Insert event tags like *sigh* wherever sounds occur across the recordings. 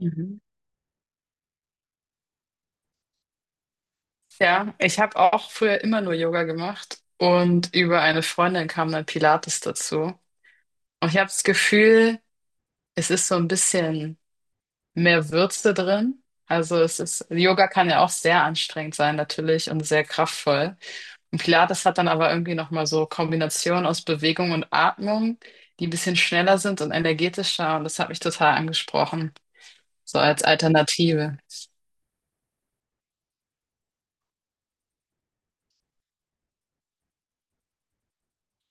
Mhm. Ja, ich habe auch früher immer nur Yoga gemacht und über eine Freundin kam dann Pilates dazu. Und ich habe das Gefühl, es ist so ein bisschen mehr Würze drin. Also es ist, Yoga kann ja auch sehr anstrengend sein natürlich und sehr kraftvoll. Und Pilates hat dann aber irgendwie nochmal so Kombinationen aus Bewegung und Atmung, die ein bisschen schneller sind und energetischer und das hat mich total angesprochen, so als Alternative.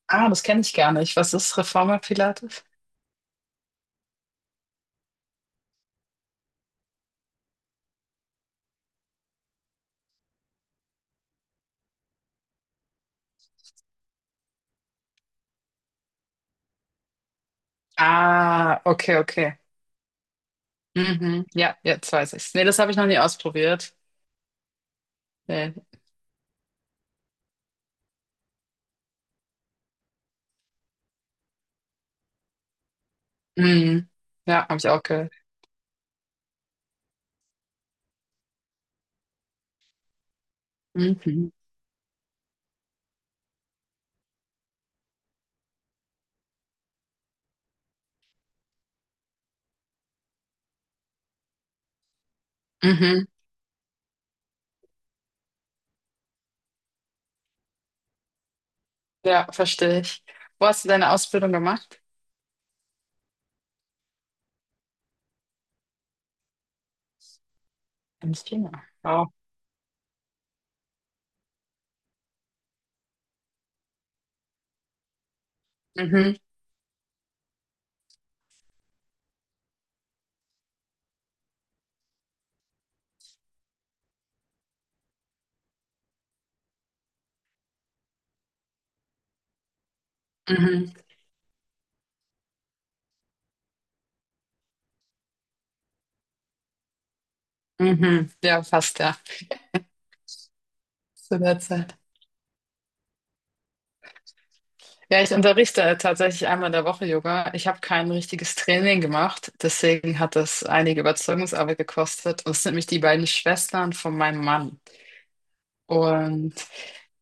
Ah, das kenne ich gar nicht. Was ist Reformer Pilates? Ah, okay, okay. Mhm. Ja, jetzt weiß ich's. Nee, das habe ich noch nie ausprobiert. Nee. Mhm. Ja, habe ich auch gehört. Mhm. Mhm. Ja, verstehe ich. Wo hast du deine Ausbildung gemacht? In China. Wow. Mhm. Mhm. Mhm. Ja, fast, ja. Zu der Zeit. Ja, ich unterrichte tatsächlich einmal in der Woche Yoga. Ich habe kein richtiges Training gemacht, deswegen hat das einige Überzeugungsarbeit gekostet. Und es sind nämlich die beiden Schwestern von meinem Mann. Und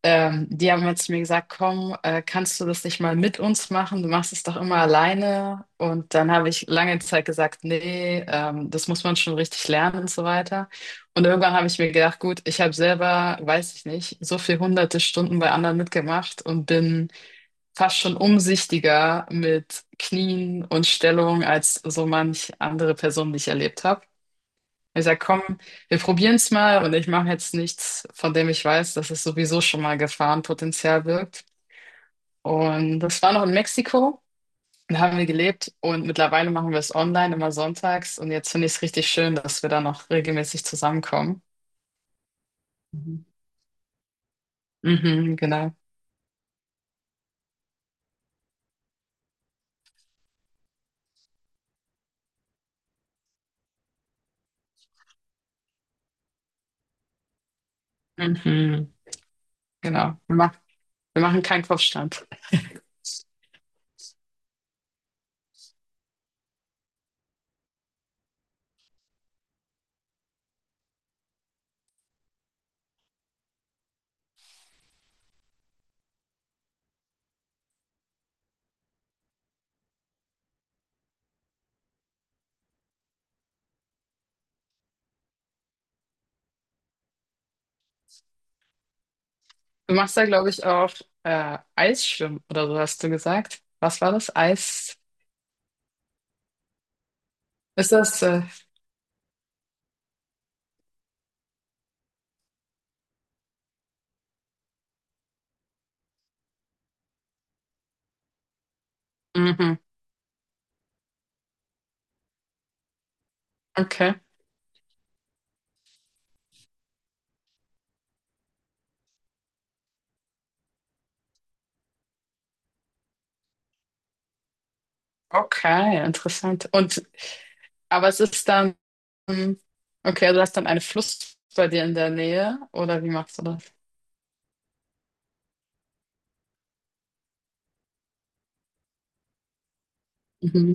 Die haben jetzt mir gesagt, komm, kannst du das nicht mal mit uns machen? Du machst es doch immer alleine. Und dann habe ich lange Zeit gesagt, nee, das muss man schon richtig lernen und so weiter. Und irgendwann habe ich mir gedacht, gut, ich habe selber, weiß ich nicht, so viel hunderte Stunden bei anderen mitgemacht und bin fast schon umsichtiger mit Knien und Stellung als so manch andere Person, die ich erlebt habe. Ich sage, komm, wir probieren es mal und ich mache jetzt nichts, von dem ich weiß, dass es sowieso schon mal Gefahrenpotenzial birgt. Und das war noch in Mexiko, da haben wir gelebt und mittlerweile machen wir es online immer sonntags und jetzt finde ich es richtig schön, dass wir da noch regelmäßig zusammenkommen. Mhm. Mhm, genau. Mhm, genau. Wir machen keinen Kopfstand. Du machst da, glaube ich, auch Eisschwimmen oder so, hast du gesagt. Was war das? Eis? Ist das? Mhm, okay. Okay, interessant. Und aber es ist dann, okay, also du hast dann einen Fluss bei dir in der Nähe, oder wie machst du das? Mhm.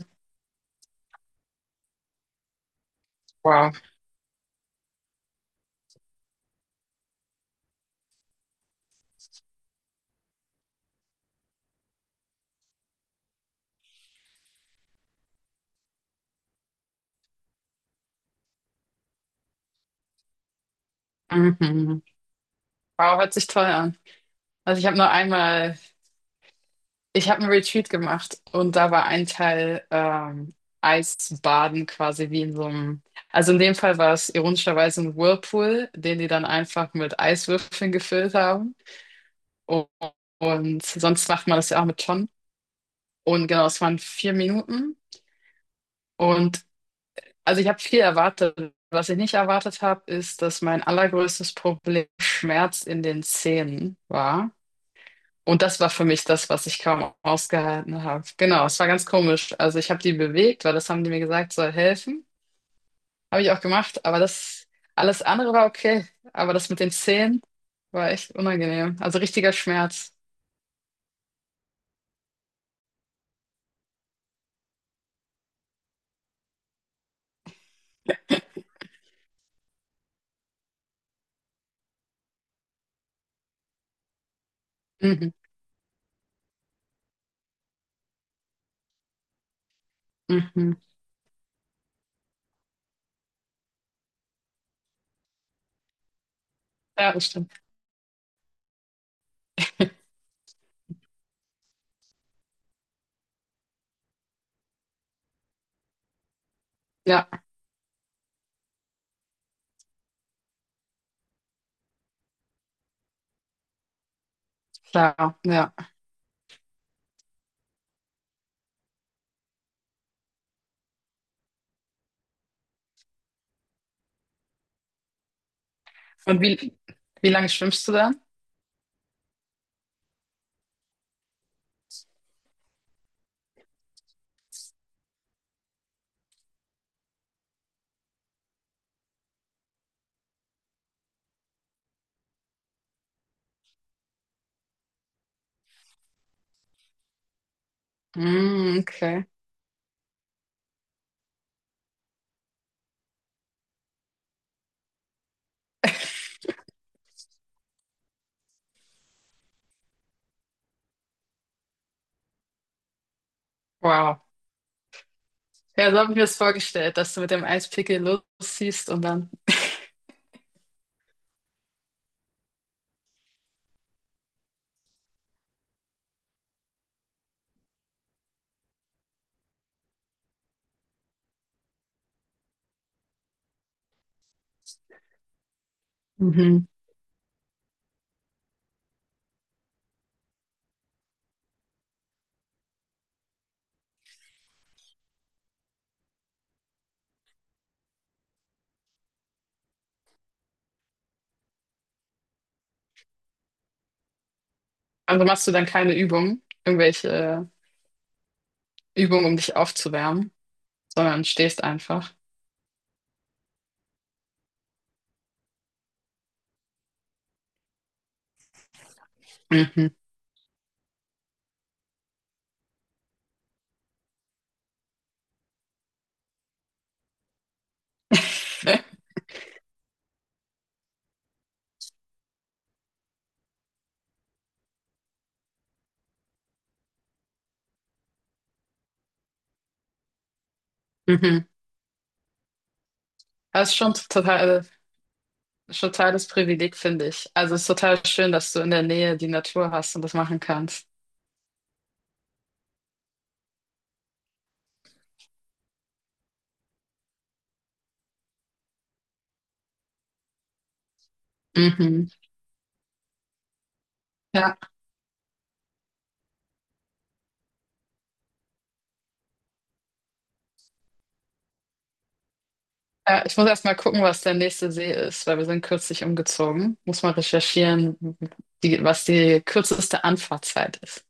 Wow. Mhm. Wow, hört sich toll an. Also ich habe nur einmal, ich habe einen Retreat gemacht und da war ein Teil Eisbaden quasi wie in so einem, also in dem Fall war es ironischerweise ein Whirlpool, den die dann einfach mit Eiswürfeln gefüllt haben. Und, und sonst macht man das ja auch mit Tonnen. Und genau, es waren 4 Minuten und also ich habe viel erwartet. Was ich nicht erwartet habe, ist, dass mein allergrößtes Problem Schmerz in den Zähnen war. Und das war für mich das, was ich kaum ausgehalten habe. Genau, es war ganz komisch. Also ich habe die bewegt, weil das haben die mir gesagt, soll helfen. Habe ich auch gemacht, aber das alles andere war okay. Aber das mit den Zähnen war echt unangenehm. Also richtiger Schmerz. Mhm, mhm. Ja, das stimmt. Ja, klar, ja. Und wie lange schwimmst du dann? Mm, okay. Wow. Ja, so habe ich mir das vorgestellt, dass du mit dem Eispickel losziehst und dann. Mhm. Also machst du dann keine Übung, irgendwelche Übungen, um dich aufzuwärmen, sondern stehst einfach. Mhm. *laughs* Mhm. Das ist schon total, totales Privileg, finde ich. Also es ist total schön, dass du in der Nähe die Natur hast und das machen kannst. Mhm. Ja, ja, ich muss erst mal gucken, was der nächste See ist, weil wir sind kürzlich umgezogen. Muss mal recherchieren, die, was die kürzeste Anfahrtzeit ist.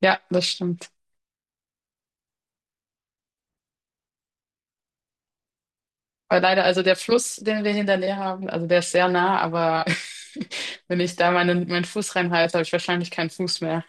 Ja, das stimmt. Weil leider, also der Fluss, den wir hinter mir haben, also der ist sehr nah, aber *laughs* wenn ich da meinen Fuß reinhalte, habe ich wahrscheinlich keinen Fuß mehr.